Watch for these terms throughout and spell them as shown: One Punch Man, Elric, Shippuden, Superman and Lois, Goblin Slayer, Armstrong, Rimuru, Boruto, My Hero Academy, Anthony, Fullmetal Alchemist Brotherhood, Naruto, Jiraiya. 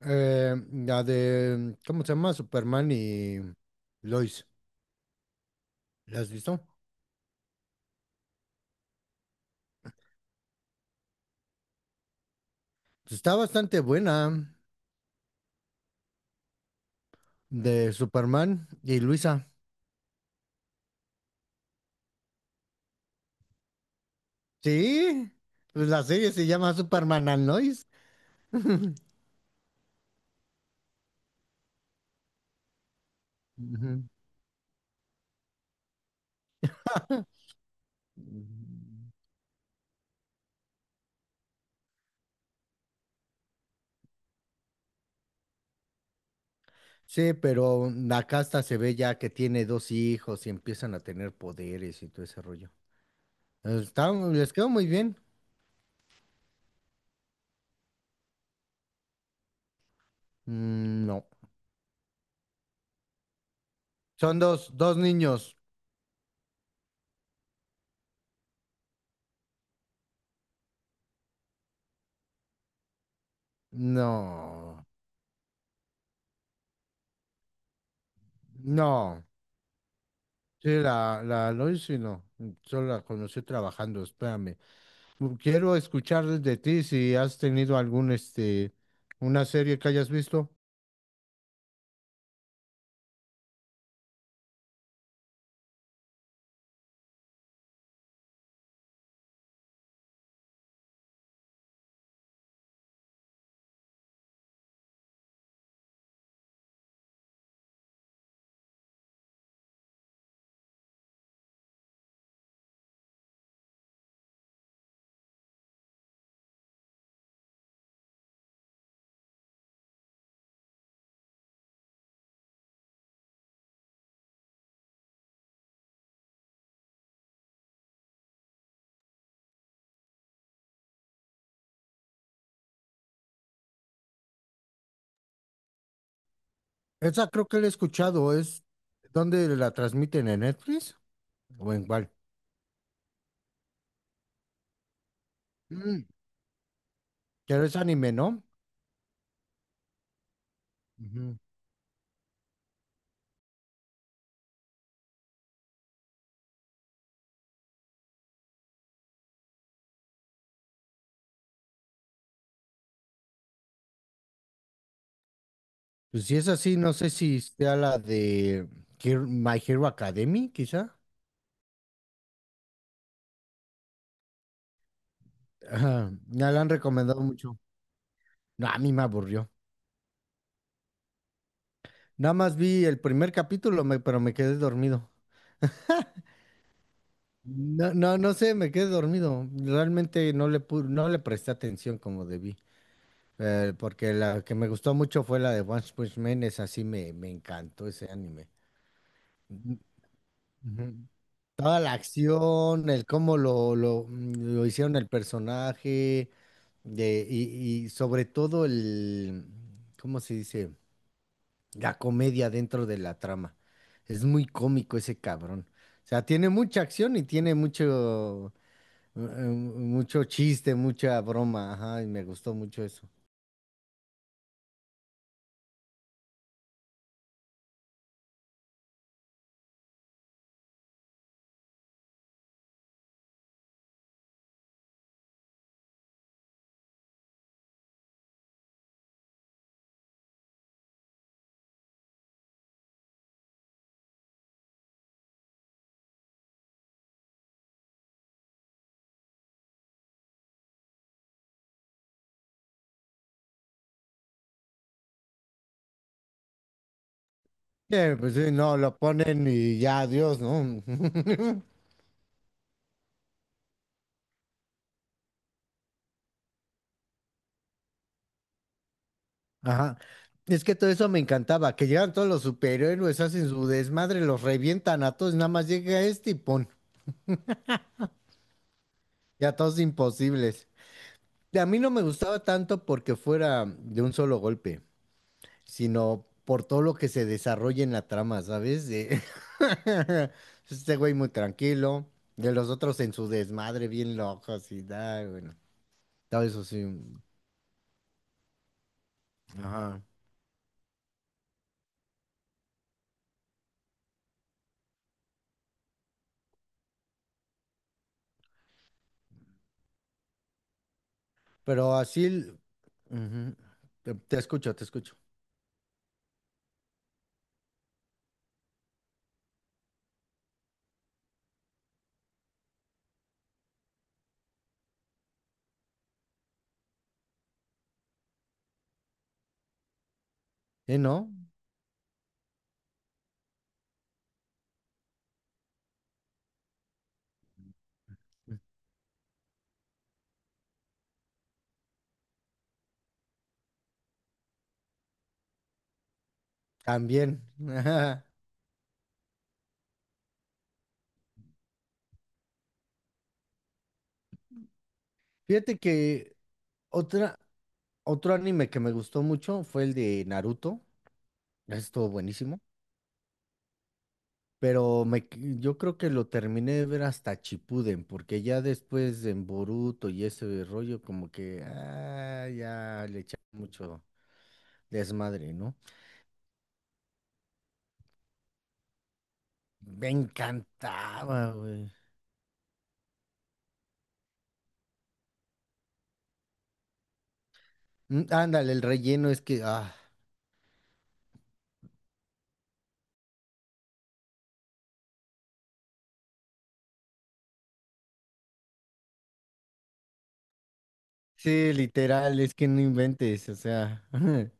La de, ¿cómo se llama? Superman y Lois. ¿La has visto? Pues está bastante buena de Superman y Luisa. Sí, pues la serie se llama Superman and Lois. Ujú. Sí, pero la casta se ve ya que tiene dos hijos y empiezan a tener poderes y todo ese rollo. Les quedó muy bien. Mm, no. Son dos, dos niños. No, no. Sí, la Loisi no, solo la conocí trabajando, espérame. Quiero escuchar de ti si has tenido algún, una serie que hayas visto. Esa creo que la he escuchado, es donde la transmiten en Netflix o en cuál. Mm, pero es anime, ¿no? Ujú. Pues si es así, no sé si sea la de My Hero Academy, quizá. Ajá, ya la han recomendado mucho. No, a mí me aburrió. Nada más vi el primer capítulo, pero me quedé dormido. No, no, no sé, me quedé dormido. Realmente no le presté atención como debí. Porque la que me gustó mucho fue la de One Punch Man, esa sí me encantó ese anime. Ujú. Toda la acción, el cómo lo hicieron el personaje, y sobre todo el, ¿cómo se dice? La comedia dentro de la trama. Es muy cómico ese cabrón. O sea, tiene mucha acción y tiene mucho. Mucho chiste, mucha broma, ajá, y me gustó mucho eso. Pues sí, no, lo ponen y ya, adiós, ¿no? Ajá. Es que todo eso me encantaba, que llegan todos los superhéroes, hacen su desmadre, los revientan a todos, nada más llega este y pon, ya todos imposibles. Y a mí no me gustaba tanto porque fuera de un solo golpe, sino por todo lo que se desarrolla en la trama, ¿sabes? Este güey muy tranquilo, de los otros en su desmadre bien locos y da, bueno, todo eso sí. Ajá. Pero así, ujú, Te escucho, te escucho. ¿Eh, no? También. Fíjate que otra, otro anime que me gustó mucho fue el de Naruto. Estuvo buenísimo. Pero yo creo que lo terminé de ver hasta Chipuden, porque ya después en Boruto y ese rollo, como que ya le echaron mucho desmadre, ¿no? Me encantaba, güey. Ándale, el relleno es que, sí, literal, es que no inventes, o sea,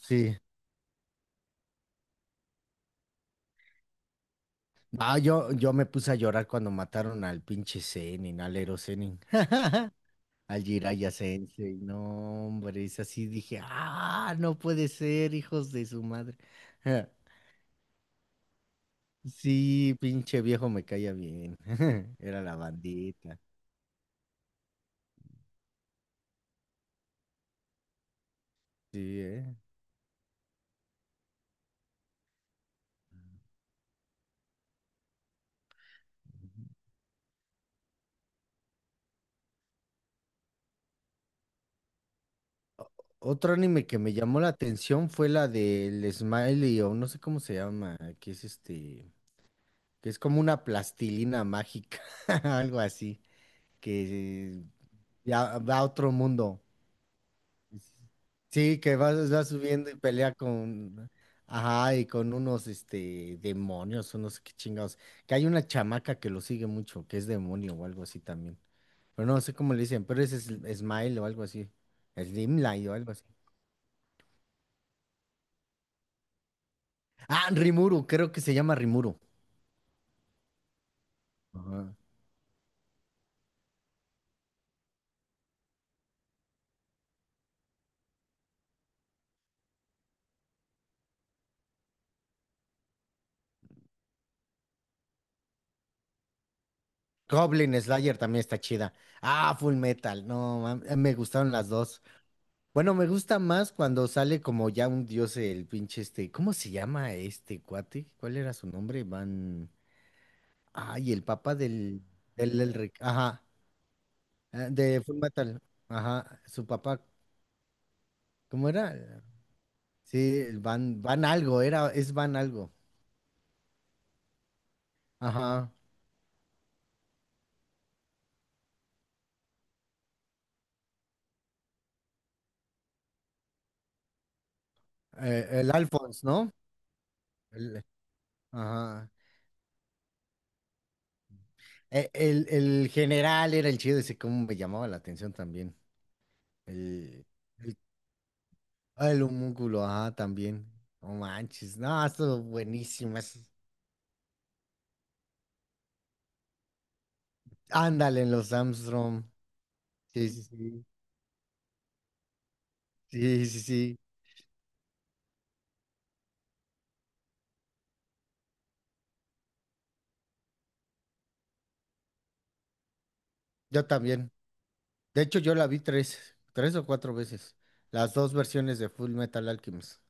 sí. Ah, yo me puse a llorar cuando mataron al pinche Zenin, al Ero Zenin. Al Jiraiya Sensei, no, hombre, es así, dije, ah, no puede ser, hijos de su madre. Sí, pinche viejo me caía bien. Era la bandita. Sí, ¿eh? Otro anime que me llamó la atención fue la del Smiley, o no sé cómo se llama, que es como una plastilina mágica, algo así, que ya va a otro mundo. Sí, que va subiendo y pelea con, ajá, y con unos, demonios o no sé qué chingados. Que hay una chamaca que lo sigue mucho, que es demonio o algo así también. Pero no sé cómo le dicen, pero ese es Smile o algo así. Slimline o algo así. Ah, Rimuru, creo que se llama Rimuru. Ajá. Goblin Slayer también está chida. Ah, Full Metal, no, me gustaron las dos. Bueno, me gusta más cuando sale como ya un dios el pinche este. ¿Cómo se llama este cuate? ¿Cuál era su nombre? Van. Ay, el papá del. Del Elric. Ajá. De Fullmetal. Ajá. Su papá. ¿Cómo era? Sí, el Van. Van algo. Era. Es Van algo. Ajá. El Alphonse, ¿no? El- ajá. El general era el chido. Ese cómo me llamaba la atención también. El. Ah, el homúnculo, ajá, también. No manches, no, esto es buenísimo. Ándale en los Armstrong. Sí, sí, sí. Sí, sí, sí. Yo también. De hecho, yo la vi tres, tres o cuatro veces. Las dos versiones de Full Metal Alchemist.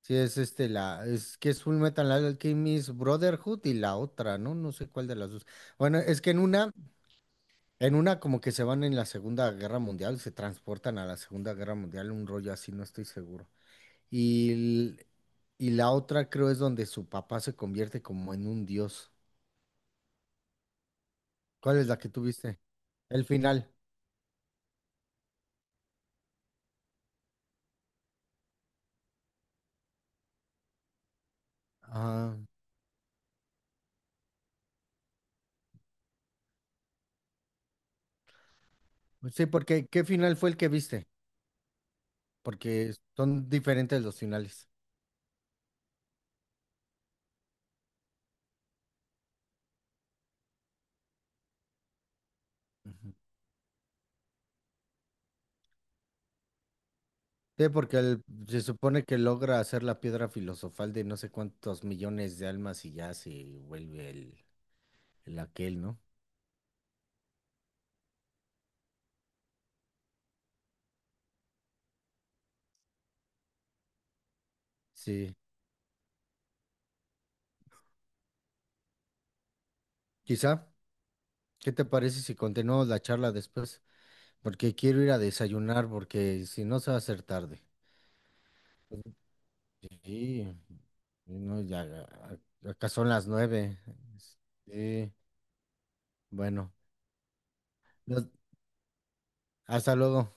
Sí, es este, la, es que es Full Metal Alchemist Brotherhood y la otra, ¿no? No sé cuál de las dos. Bueno, es que en una como que se van en la Segunda Guerra Mundial, se transportan a la Segunda Guerra Mundial, un rollo así, no estoy seguro. Y, y la otra creo es donde su papá se convierte como en un dios. ¿Cuál es la que tú viste? El final. Ah, pues sí, porque ¿qué final fue el que viste? Porque son diferentes los finales. Ujú. Sí, porque se supone que logra hacer la piedra filosofal de no sé cuántos millones de almas y ya se vuelve el aquel, ¿no? Sí. Quizá, ¿qué te parece si continuamos la charla después? Porque quiero ir a desayunar, porque si no se va a hacer tarde. Sí, y no, ya, acá son las 9. Sí, bueno, nos- hasta luego.